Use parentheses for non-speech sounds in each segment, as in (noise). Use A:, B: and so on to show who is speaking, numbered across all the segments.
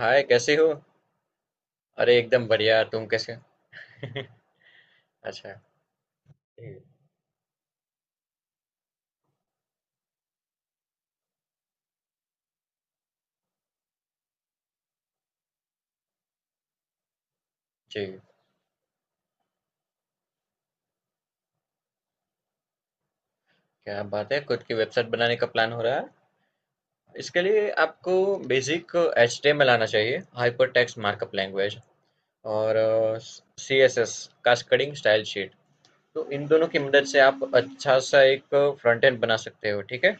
A: हाय कैसी हो। अरे एकदम बढ़िया, तुम कैसे हो? (laughs) अच्छा। जी। जी, क्या बात है, खुद की वेबसाइट बनाने का प्लान हो रहा है। इसके लिए आपको बेसिक एचटीएमएल आना चाहिए, हाइपर टेक्स्ट मार्कअप लैंग्वेज, और सीएसएस, कास्केडिंग स्टाइल शीट। तो इन दोनों की मदद से आप अच्छा सा एक फ्रंट एंड बना सकते हो, ठीक है?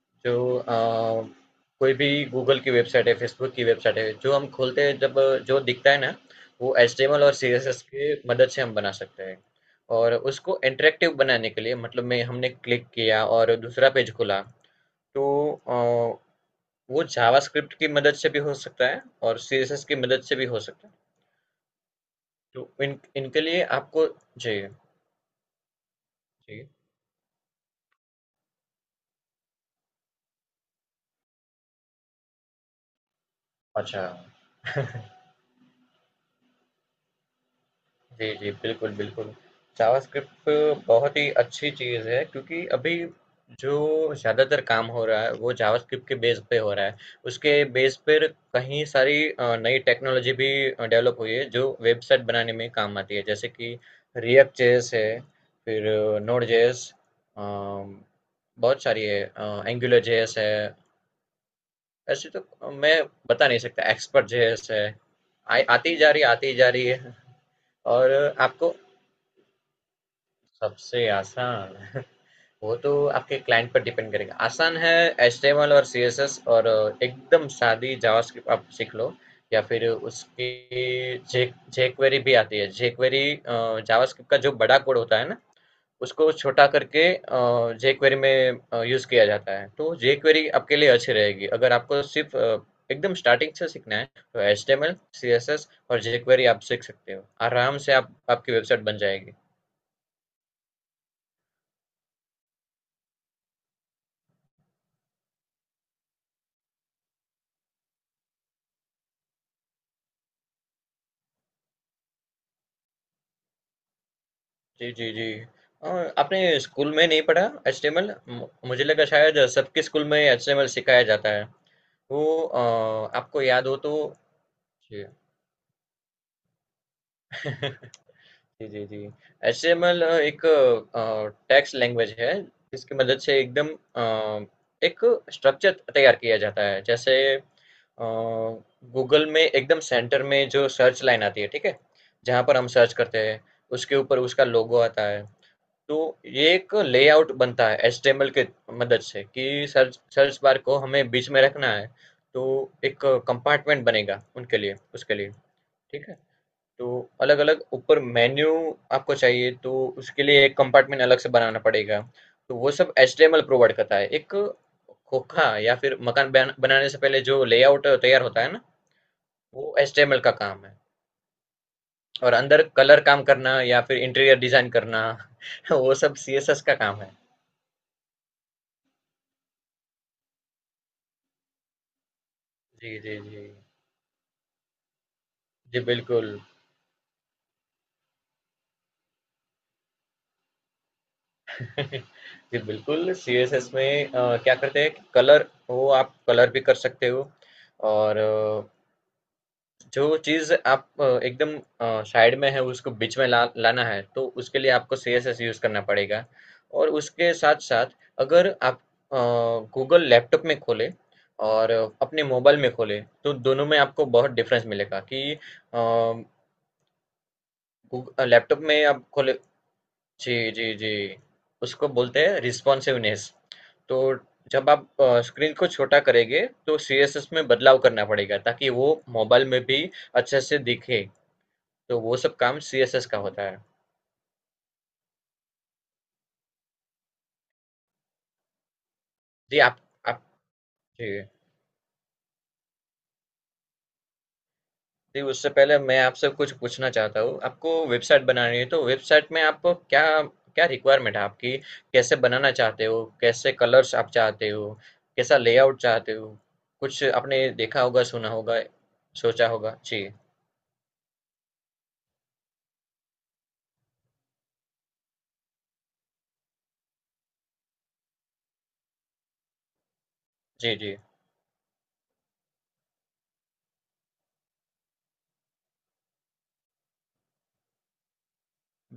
A: जो अ, कोई भी गूगल की वेबसाइट है, फेसबुक की वेबसाइट है, जो हम खोलते हैं, जब जो दिखता है ना, वो एचटीएमएल और सीएसएस की मदद से हम बना सकते हैं। और उसको इंटरैक्टिव बनाने के लिए, मतलब मैं हमने क्लिक किया और दूसरा पेज खुला, तो अ, वो जावास्क्रिप्ट की मदद से भी हो सकता है और सीएसएस की मदद से भी हो सकता है। तो इन इनके लिए आपको जी, जी। अच्छा। (laughs) जी, जी, बिल्कुल, बिल्कुल। जावास्क्रिप्ट बहुत ही अच्छी चीज़ है, क्योंकि अभी जो ज़्यादातर काम हो रहा है वो जावास्क्रिप्ट के बेस पे हो रहा है। उसके बेस पर कहीं सारी नई टेक्नोलॉजी भी डेवलप हुई है जो वेबसाइट बनाने में काम आती है। जैसे कि रिएक्ट जेएस है, फिर नोड जेएस, अ, बहुत सारी है, एंगुलर जेएस है। ऐसे तो मैं बता नहीं सकता, एक्सपर्ट जेएस है। आई आती जा रही है, आती जा रही है। और आपको सबसे आसान (laughs) वो तो आपके क्लाइंट पर डिपेंड करेगा। आसान है एचटीएमएल और सीएसएस, और एकदम सादी जावास्क्रिप्ट आप सीख लो, या फिर उसकी जे जेक्वेरी भी आती है। जेक्वेरी, जावास्क्रिप्ट का जो बड़ा कोड होता है ना, उसको छोटा करके जेक्वेरी में यूज किया जाता है। तो जेक्वेरी आपके लिए अच्छी रहेगी। अगर आपको सिर्फ एकदम स्टार्टिंग से सीखना है, तो एचटीएमएल, सीएसएस और जेक्वेरी आप सीख सकते हो। आराम से आप, आपकी वेबसाइट बन जाएगी। जी, जी, जी। अ, आपने स्कूल में नहीं पढ़ा एचटीएमएल? मु मुझे लगा शायद सबके स्कूल में एचटीएमएल सिखाया जाता है। तो अ, आपको याद हो तो। जी। (laughs) जी, जी, जी। एचटीएमएल एक टेक्स्ट लैंग्वेज है, जिसकी मदद से एकदम अ, एक स्ट्रक्चर तैयार किया जाता है। जैसे गूगल में एकदम सेंटर में जो सर्च लाइन आती है, ठीक है? जहाँ पर हम सर्च करते हैं, उसके ऊपर उसका लोगो आता है। तो ये एक लेआउट बनता है एचटीएमएल के मदद से, कि सर्च सर्च बार को हमें बीच में रखना है, तो एक कंपार्टमेंट बनेगा उनके लिए, उसके लिए, ठीक है? तो अलग अलग ऊपर मेन्यू आपको चाहिए तो उसके लिए एक कंपार्टमेंट अलग से बनाना पड़ेगा। तो वो सब एचटीएमएल प्रोवाइड करता है, एक खोखा या फिर मकान बनाने से पहले जो लेआउट तैयार होता है ना, वो एचटीएमएल का काम है। और अंदर कलर काम करना या फिर इंटीरियर डिजाइन करना (laughs) वो सब सीएसएस का काम है। जी, जी, जी। जी, बिल्कुल। (laughs) जी, बिल्कुल, सीएसएस में क्या करते हैं कि कलर, वो आप कलर भी कर सकते हो, और जो चीज़ आप एकदम साइड में है उसको बीच में ला लाना है, तो उसके लिए आपको सीएसएस यूज़ करना पड़ेगा। और उसके साथ-साथ अगर आप अ, गूगल लैपटॉप में खोलें और अपने मोबाइल में खोलें तो दोनों में आपको बहुत डिफ़रेंस मिलेगा कि गूग लैपटॉप में आप खोले। जी, जी, जी। उसको बोलते हैं रिस्पॉन्सिवनेस। तो जब आप स्क्रीन को छोटा करेंगे तो सीएसएस में बदलाव करना पड़ेगा ताकि वो मोबाइल में भी अच्छे से दिखे। तो वो सब काम सीएसएस का होता है। जी। आप जी, जी उससे पहले मैं आपसे कुछ पूछना चाहता हूँ। आपको वेबसाइट बनानी है, तो वेबसाइट में आपको क्या क्या रिक्वायरमेंट है आपकी, कैसे बनाना चाहते हो, कैसे कलर्स आप चाहते हो, कैसा लेआउट चाहते हो। कुछ आपने देखा होगा, सुना होगा, सोचा होगा। जी, जी, जी,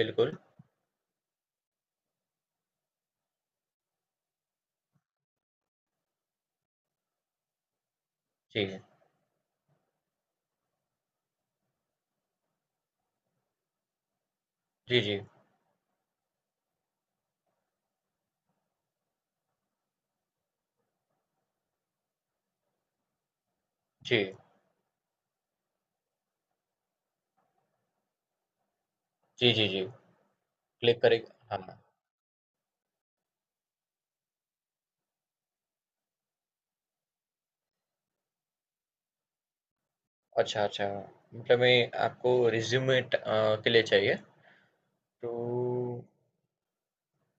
A: बिल्कुल। जी, जी, जी। जी, जी, जी। जी। क्लिक करें। हाँ, अच्छा, अच्छा। मतलब मैं आपको रिज्यूमे के लिए चाहिए, तो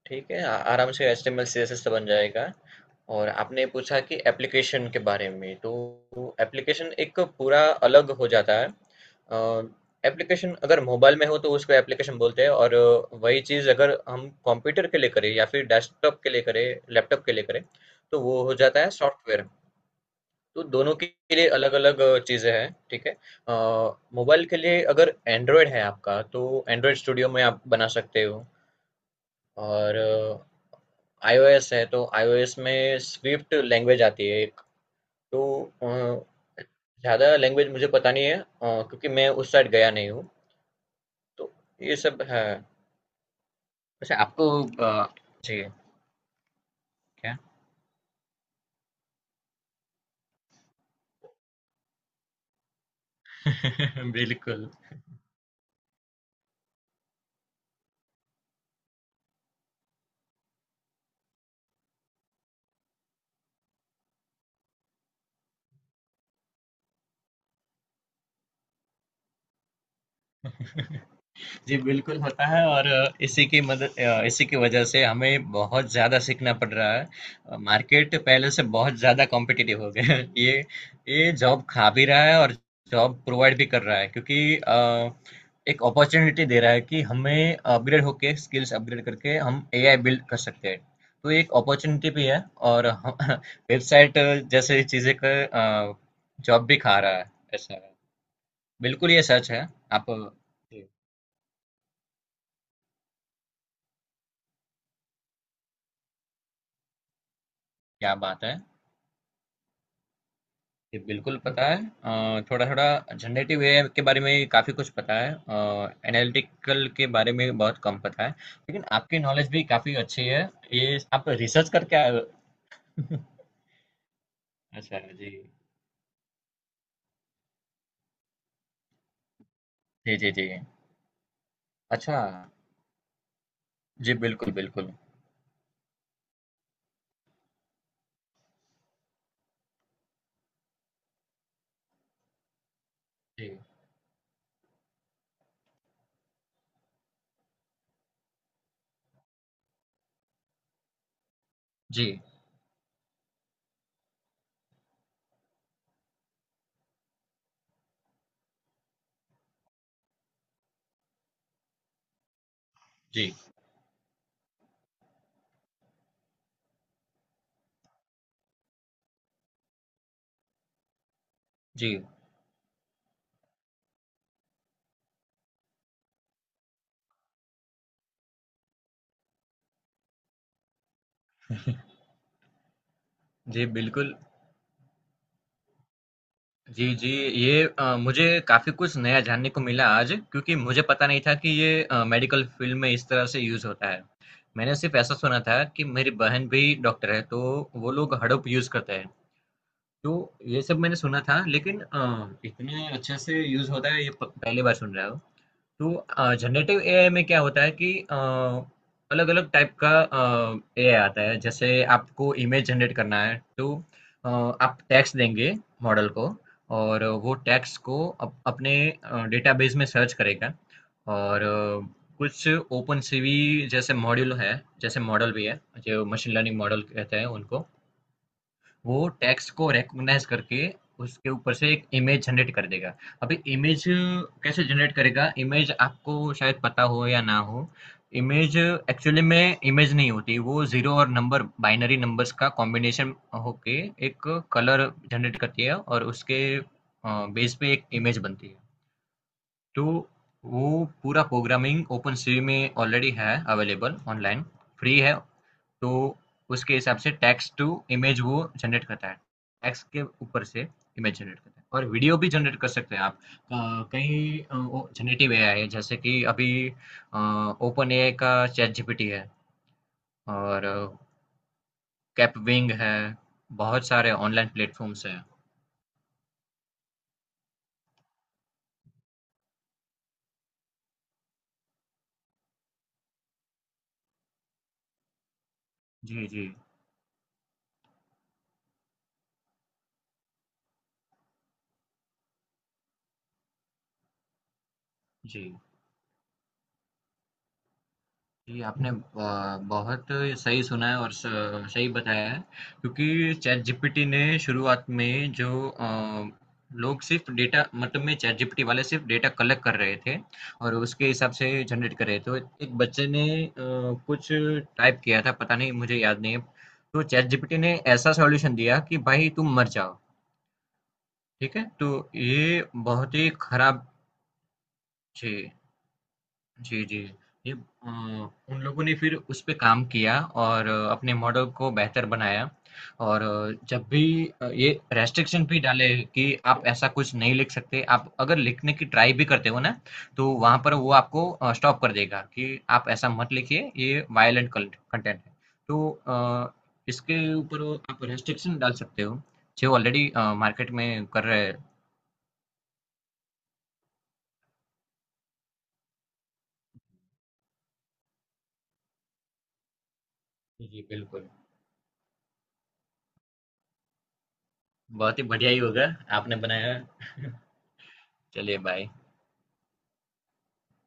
A: ठीक है, आराम से HTML CSS तो बन जाएगा। और आपने पूछा कि एप्लीकेशन के बारे में, तो एप्लीकेशन एक पूरा अलग हो जाता है। एप्लीकेशन अगर मोबाइल में हो तो उसको एप्लीकेशन बोलते हैं, और वही चीज़ अगर हम कंप्यूटर के लिए करें या फिर डेस्कटॉप के लिए करें, लैपटॉप के लिए करें, तो वो हो जाता है सॉफ्टवेयर। तो दोनों के लिए अलग-अलग चीज़ें हैं, ठीक है? अ, मोबाइल के लिए अगर एंड्रॉयड है आपका, तो एंड्रॉयड स्टूडियो में आप बना सकते हो। और आईओएस है तो आईओएस में स्विफ्ट लैंग्वेज आती है एक। तो अ, ज़्यादा लैंग्वेज मुझे पता नहीं है, क्योंकि मैं उस साइड गया नहीं हूँ। तो ये सब है। वैसे आपको अ, जी, क्या? (laughs) बिल्कुल। (laughs) जी, बिल्कुल होता है, और इसी की मदद, इसी की वजह से हमें बहुत ज़्यादा सीखना पड़ रहा है। मार्केट पहले से बहुत ज़्यादा कॉम्पिटिटिव हो गया है। ये जॉब खा भी रहा है और जॉब प्रोवाइड भी कर रहा है, क्योंकि एक अपॉर्चुनिटी दे रहा है कि हमें अपग्रेड होके, स्किल्स अपग्रेड करके हम एआई बिल्ड कर सकते हैं। तो ये एक अपॉर्चुनिटी भी है, और वेबसाइट (laughs) जैसे चीज़ें का जॉब भी खा रहा है, ऐसा है। बिल्कुल ये सच है। आप जी, क्या बात है। जी, बिल्कुल पता है। थोड़ा थोड़ा जनरेटिव एआई के बारे में काफ़ी कुछ पता है, एनालिटिकल के बारे में बहुत कम पता है, लेकिन आपकी नॉलेज भी काफ़ी अच्छी है, ये आप रिसर्च करके आए हो। (laughs) अच्छा, जी, जी, जी, जी, अच्छा, जी, बिल्कुल, बिल्कुल। जी, जी, जी, जी, जी, बिल्कुल। जी, जी। ये मुझे काफ़ी कुछ नया जानने को मिला आज, क्योंकि मुझे पता नहीं था कि ये मेडिकल फ़ील्ड में इस तरह से यूज़ होता है। मैंने सिर्फ ऐसा सुना था कि मेरी बहन भी डॉक्टर है, तो वो लोग हड़प यूज़ करते हैं। तो ये सब मैंने सुना था, लेकिन इतने अच्छे से यूज़ होता है ये प पहली बार सुन रहा हूँ। तो जनरेटिव एआई में क्या होता है कि अलग अलग टाइप का एआई आता है। जैसे आपको इमेज जनरेट करना है तो आप टैक्स देंगे मॉडल को, और वो टैक्स को अपने डेटाबेस में सर्च करेगा, और कुछ ओपन सीवी जैसे मॉड्यूल है, जैसे मॉडल भी है, जो मशीन लर्निंग मॉडल कहते हैं उनको, वो टेक्स्ट को रिकॉग्नाइज करके उसके ऊपर से एक इमेज जनरेट कर देगा। अभी इमेज कैसे जनरेट करेगा, इमेज आपको शायद पता हो या ना हो। इमेज एक्चुअली में इमेज नहीं होती, वो जीरो और नंबर, बाइनरी नंबर्स का कॉम्बिनेशन होके एक कलर जनरेट करती है, और उसके बेस पे एक इमेज बनती है। तो वो पूरा प्रोग्रामिंग ओपन सी में ऑलरेडी है, अवेलेबल ऑनलाइन, फ्री है। तो उसके हिसाब से टेक्स्ट टू इमेज वो जनरेट करता है, टेक्स्ट के ऊपर से इमेज जनरेट करता है, और वीडियो भी जनरेट कर सकते हैं आप। कई जनरेटिव एआई है, जैसे कि अभी ओपन एआई का चैट जीपीटी है, और कैपविंग है। बहुत सारे ऑनलाइन प्लेटफॉर्म्स हैं। जी, जी, जी। जी, आपने बहुत सही सुना है और स सही बताया है, क्योंकि चैटजीपीटी ने शुरुआत में जो लोग सिर्फ़ डेटा, मतलब में चैटजीपीटी वाले सिर्फ़ डेटा कलेक्ट कर रहे थे और उसके हिसाब से जनरेट कर रहे थे। तो एक बच्चे ने कुछ टाइप किया था, पता नहीं, मुझे याद नहीं है। तो चैटजीपीटी ने ऐसा सॉल्यूशन दिया कि भाई तुम मर जाओ, ठीक है? तो ये बहुत ही खराब। जी। जी, जी। ये उन लोगों ने फिर उस पे काम किया और अपने मॉडल को बेहतर बनाया, और जब भी ये रेस्ट्रिक्शन भी डाले कि आप ऐसा कुछ नहीं लिख सकते। आप अगर लिखने की ट्राई भी करते हो ना, तो वहाँ पर वो आपको स्टॉप कर देगा कि आप ऐसा मत लिखिए, ये वायलेंट कंटेंट है। तो इसके ऊपर वो आप रेस्ट्रिक्शन डाल सकते हो, जो ऑलरेडी मार्केट में कर रहे हैं। जी, बिल्कुल। बहुत ही बढ़िया ही होगा, आपने बनाया। (laughs) चलिए, बाय।